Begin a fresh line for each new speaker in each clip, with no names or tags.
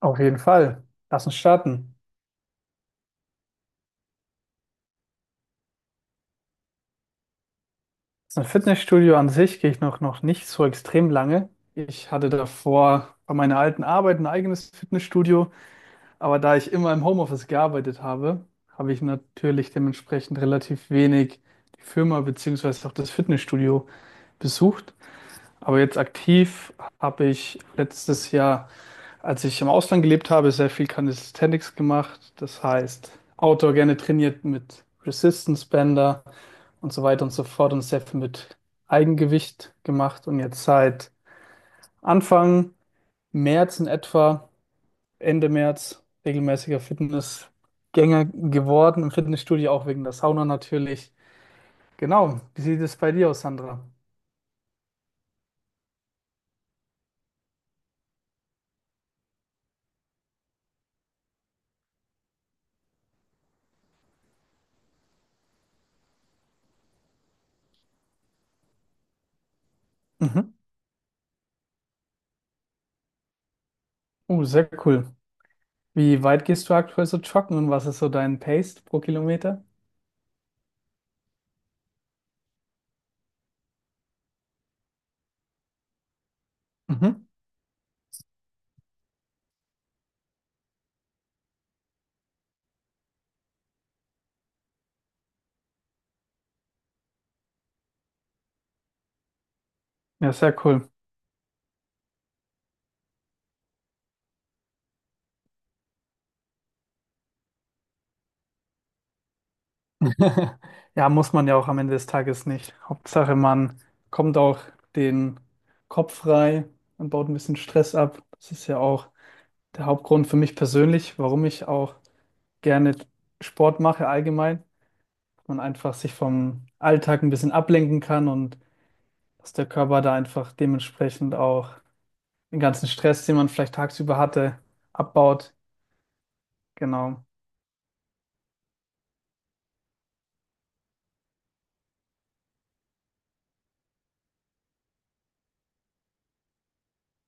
Auf jeden Fall. Lass uns starten. Das Fitnessstudio an sich gehe ich noch nicht so extrem lange. Ich hatte davor bei meiner alten Arbeit ein eigenes Fitnessstudio, aber da ich immer im Homeoffice gearbeitet habe, habe ich natürlich dementsprechend relativ wenig die Firma beziehungsweise auch das Fitnessstudio besucht. Aber jetzt aktiv habe ich letztes Jahr, als ich im Ausland gelebt habe, sehr viel Calisthenics gemacht. Das heißt, Outdoor gerne trainiert mit Resistance Bänder und so weiter und so fort und sehr viel mit Eigengewicht gemacht. Und jetzt seit Anfang März in etwa, Ende März, regelmäßiger Fitnessgänger geworden, im Fitnessstudio auch wegen der Sauna natürlich. Genau, wie sieht es bei dir aus, Sandra? Mhm. Oh, sehr cool. Wie weit gehst du aktuell so joggen und was ist so dein Pace pro Kilometer? Mhm. Ja, sehr cool. Ja, muss man ja auch am Ende des Tages nicht. Hauptsache, man kommt auch den Kopf frei und baut ein bisschen Stress ab. Das ist ja auch der Hauptgrund für mich persönlich, warum ich auch gerne Sport mache allgemein. Man einfach sich vom Alltag ein bisschen ablenken kann und dass der Körper da einfach dementsprechend auch den ganzen Stress, den man vielleicht tagsüber hatte, abbaut. Genau.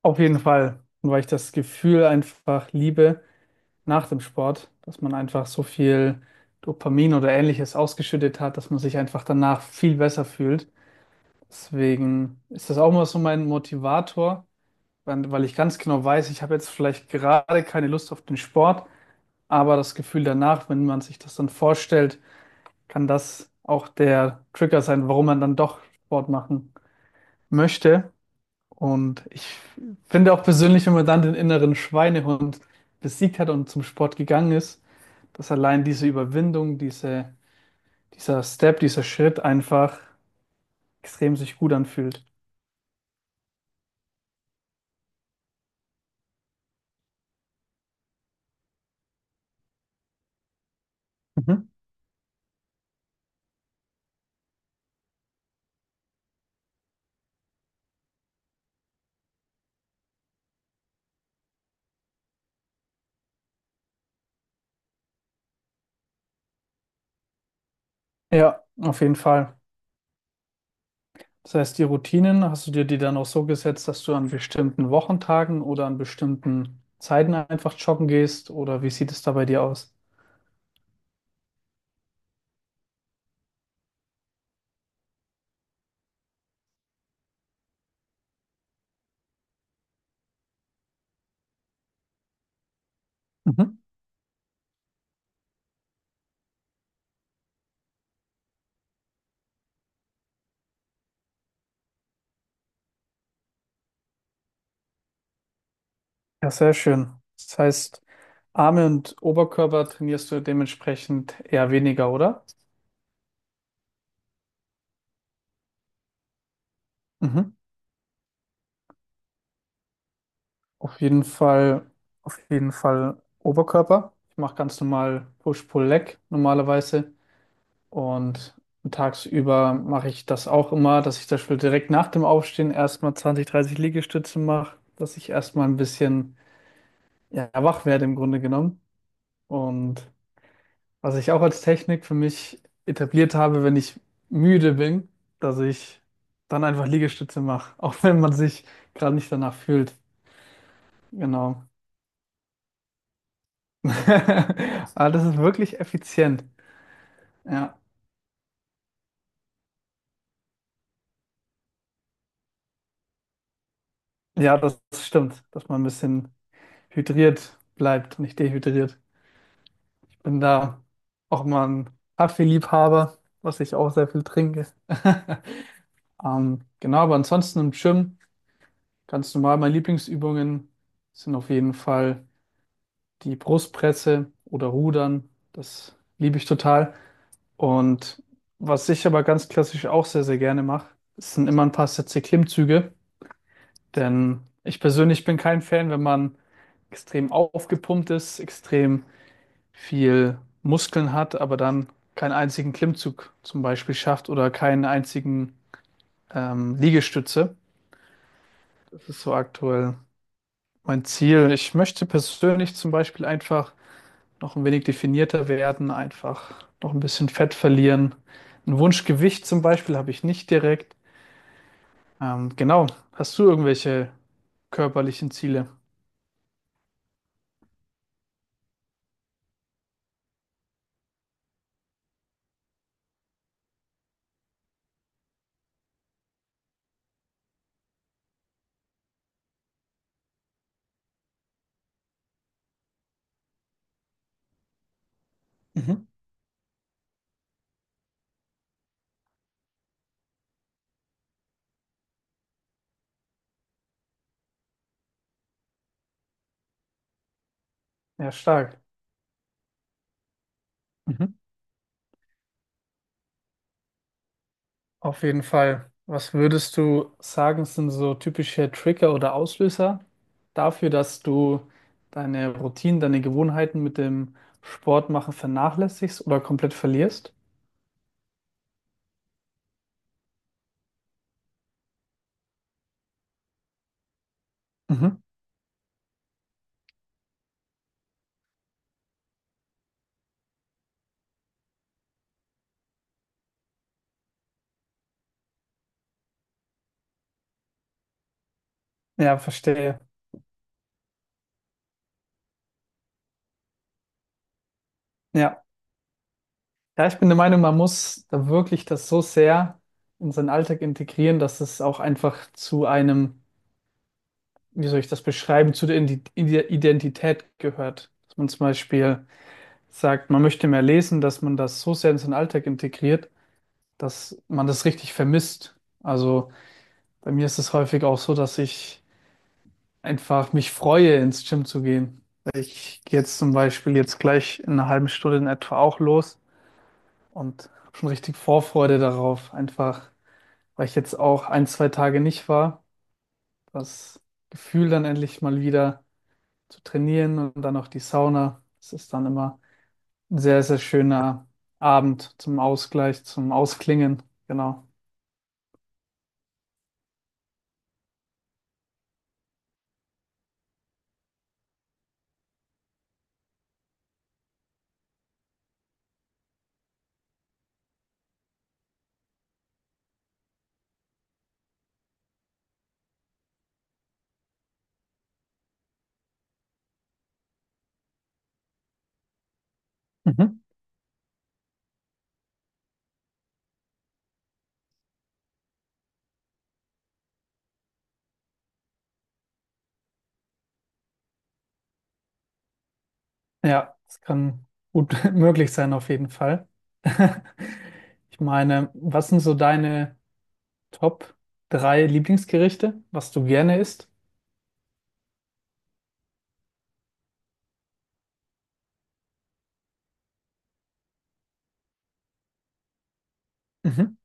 Auf jeden Fall. Und weil ich das Gefühl einfach liebe, nach dem Sport, dass man einfach so viel Dopamin oder ähnliches ausgeschüttet hat, dass man sich einfach danach viel besser fühlt. Deswegen ist das auch immer so mein Motivator, weil ich ganz genau weiß, ich habe jetzt vielleicht gerade keine Lust auf den Sport, aber das Gefühl danach, wenn man sich das dann vorstellt, kann das auch der Trigger sein, warum man dann doch Sport machen möchte. Und ich finde auch persönlich, wenn man dann den inneren Schweinehund besiegt hat und zum Sport gegangen ist, dass allein diese Überwindung, dieser Step, dieser Schritt einfach extrem sich gut anfühlt. Mhm. Ja, auf jeden Fall. Das heißt, die Routinen, hast du dir die dann auch so gesetzt, dass du an bestimmten Wochentagen oder an bestimmten Zeiten einfach joggen gehst? Oder wie sieht es da bei dir aus? Mhm. Ja, sehr schön. Das heißt, Arme und Oberkörper trainierst du dementsprechend eher weniger, oder? Mhm. Auf jeden Fall, auf jeden Fall Oberkörper. Ich mache ganz normal Push-Pull-Leg normalerweise. Und tagsüber mache ich das auch immer, dass ich zum Beispiel direkt nach dem Aufstehen erstmal 20-30 Liegestütze mache, dass ich erstmal ein bisschen ja, wach werde im Grunde genommen. Und was ich auch als Technik für mich etabliert habe, wenn ich müde bin, dass ich dann einfach Liegestütze mache, auch wenn man sich gerade nicht danach fühlt. Genau. Aber das ist wirklich effizient. Ja. Ja, das stimmt, dass man ein bisschen hydriert bleibt, nicht dehydriert. Ich bin da auch mal ein Kaffeeliebhaber, was ich auch sehr viel trinke. Genau, aber ansonsten im Gym ganz normal. Meine Lieblingsübungen sind auf jeden Fall die Brustpresse oder Rudern. Das liebe ich total. Und was ich aber ganz klassisch auch sehr, sehr gerne mache, sind immer ein paar Sätze Klimmzüge. Denn ich persönlich bin kein Fan, wenn man extrem aufgepumpt ist, extrem viel Muskeln hat, aber dann keinen einzigen Klimmzug zum Beispiel schafft oder keinen einzigen Liegestütze. Das ist so aktuell mein Ziel. Ich möchte persönlich zum Beispiel einfach noch ein wenig definierter werden, einfach noch ein bisschen Fett verlieren. Ein Wunschgewicht zum Beispiel habe ich nicht direkt. Genau. Hast du irgendwelche körperlichen Ziele? Mhm. Ja, stark. Auf jeden Fall. Was würdest du sagen, sind so typische Trigger oder Auslöser dafür, dass du deine Routinen, deine Gewohnheiten mit dem Sport machen vernachlässigst oder komplett verlierst? Mhm. Ja, verstehe. Ja. Ja, ich bin der Meinung, man muss da wirklich das so sehr in seinen Alltag integrieren, dass es auch einfach zu einem, wie soll ich das beschreiben, zu der Identität gehört. Dass man zum Beispiel sagt, man möchte mehr lesen, dass man das so sehr in seinen Alltag integriert, dass man das richtig vermisst. Also bei mir ist es häufig auch so, dass ich einfach mich freue, ins Gym zu gehen. Ich gehe jetzt zum Beispiel jetzt gleich in einer halben Stunde in etwa auch los und habe schon richtig Vorfreude darauf, einfach weil ich jetzt auch ein, zwei Tage nicht war. Das Gefühl dann endlich mal wieder zu trainieren und dann auch die Sauna. Das ist dann immer ein sehr, sehr schöner Abend zum Ausgleich, zum Ausklingen. Genau. Mhm. Ja, das kann gut möglich sein auf jeden Fall. Ich meine, was sind so deine Top drei Lieblingsgerichte, was du gerne isst? Mhm.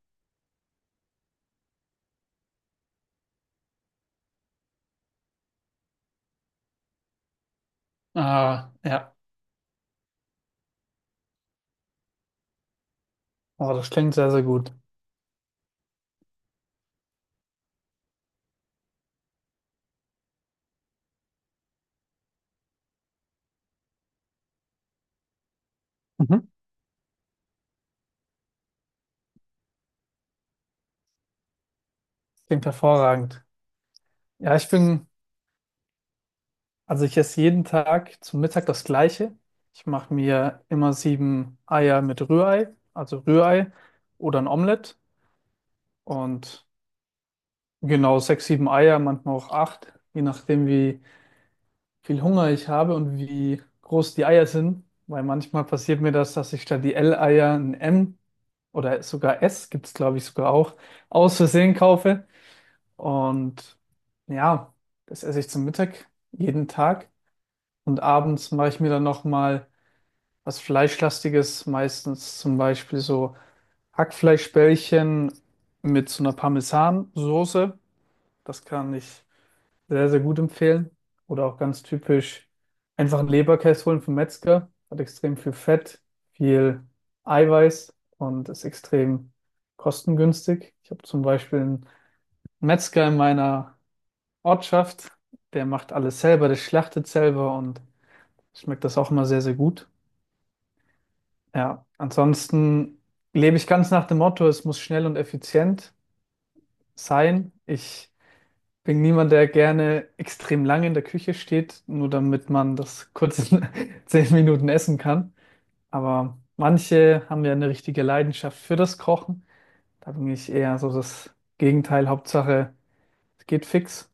Ah, ja. Oh, das klingt sehr, sehr gut. Mhm. Klingt hervorragend. Ja, ich bin, also ich esse jeden Tag zum Mittag das Gleiche. Ich mache mir immer sieben Eier mit Rührei, also Rührei oder ein Omelett und genau sechs, sieben Eier, manchmal auch acht, je nachdem wie viel Hunger ich habe und wie groß die Eier sind, weil manchmal passiert mir das, dass ich statt die L-Eier ein M oder sogar S, gibt es glaube ich sogar auch, aus Versehen kaufe. Und ja, das esse ich zum Mittag jeden Tag. Und abends mache ich mir dann nochmal was Fleischlastiges, meistens zum Beispiel so Hackfleischbällchen mit so einer Parmesansoße. Das kann ich sehr, sehr gut empfehlen. Oder auch ganz typisch einfach einen Leberkäse holen vom Metzger. Hat extrem viel Fett, viel Eiweiß und ist extrem kostengünstig. Ich habe zum Beispiel einen Metzger in meiner Ortschaft, der macht alles selber, der schlachtet selber und schmeckt das auch immer sehr, sehr gut. Ja, ansonsten lebe ich ganz nach dem Motto, es muss schnell und effizient sein. Ich bin niemand, der gerne extrem lange in der Küche steht, nur damit man das kurz in 10 Minuten essen kann. Aber manche haben ja eine richtige Leidenschaft für das Kochen. Da bin ich eher so das Gegenteil. Hauptsache, es geht fix.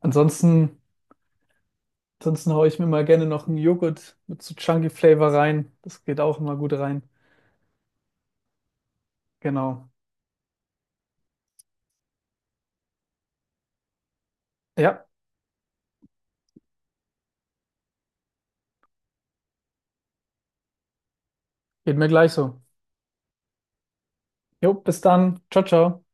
Ansonsten, ansonsten, haue ich mir mal gerne noch einen Joghurt mit so Chunky Flavor rein. Das geht auch immer gut rein. Genau. Ja, geht mir gleich so. Jo, bis dann. Ciao, ciao.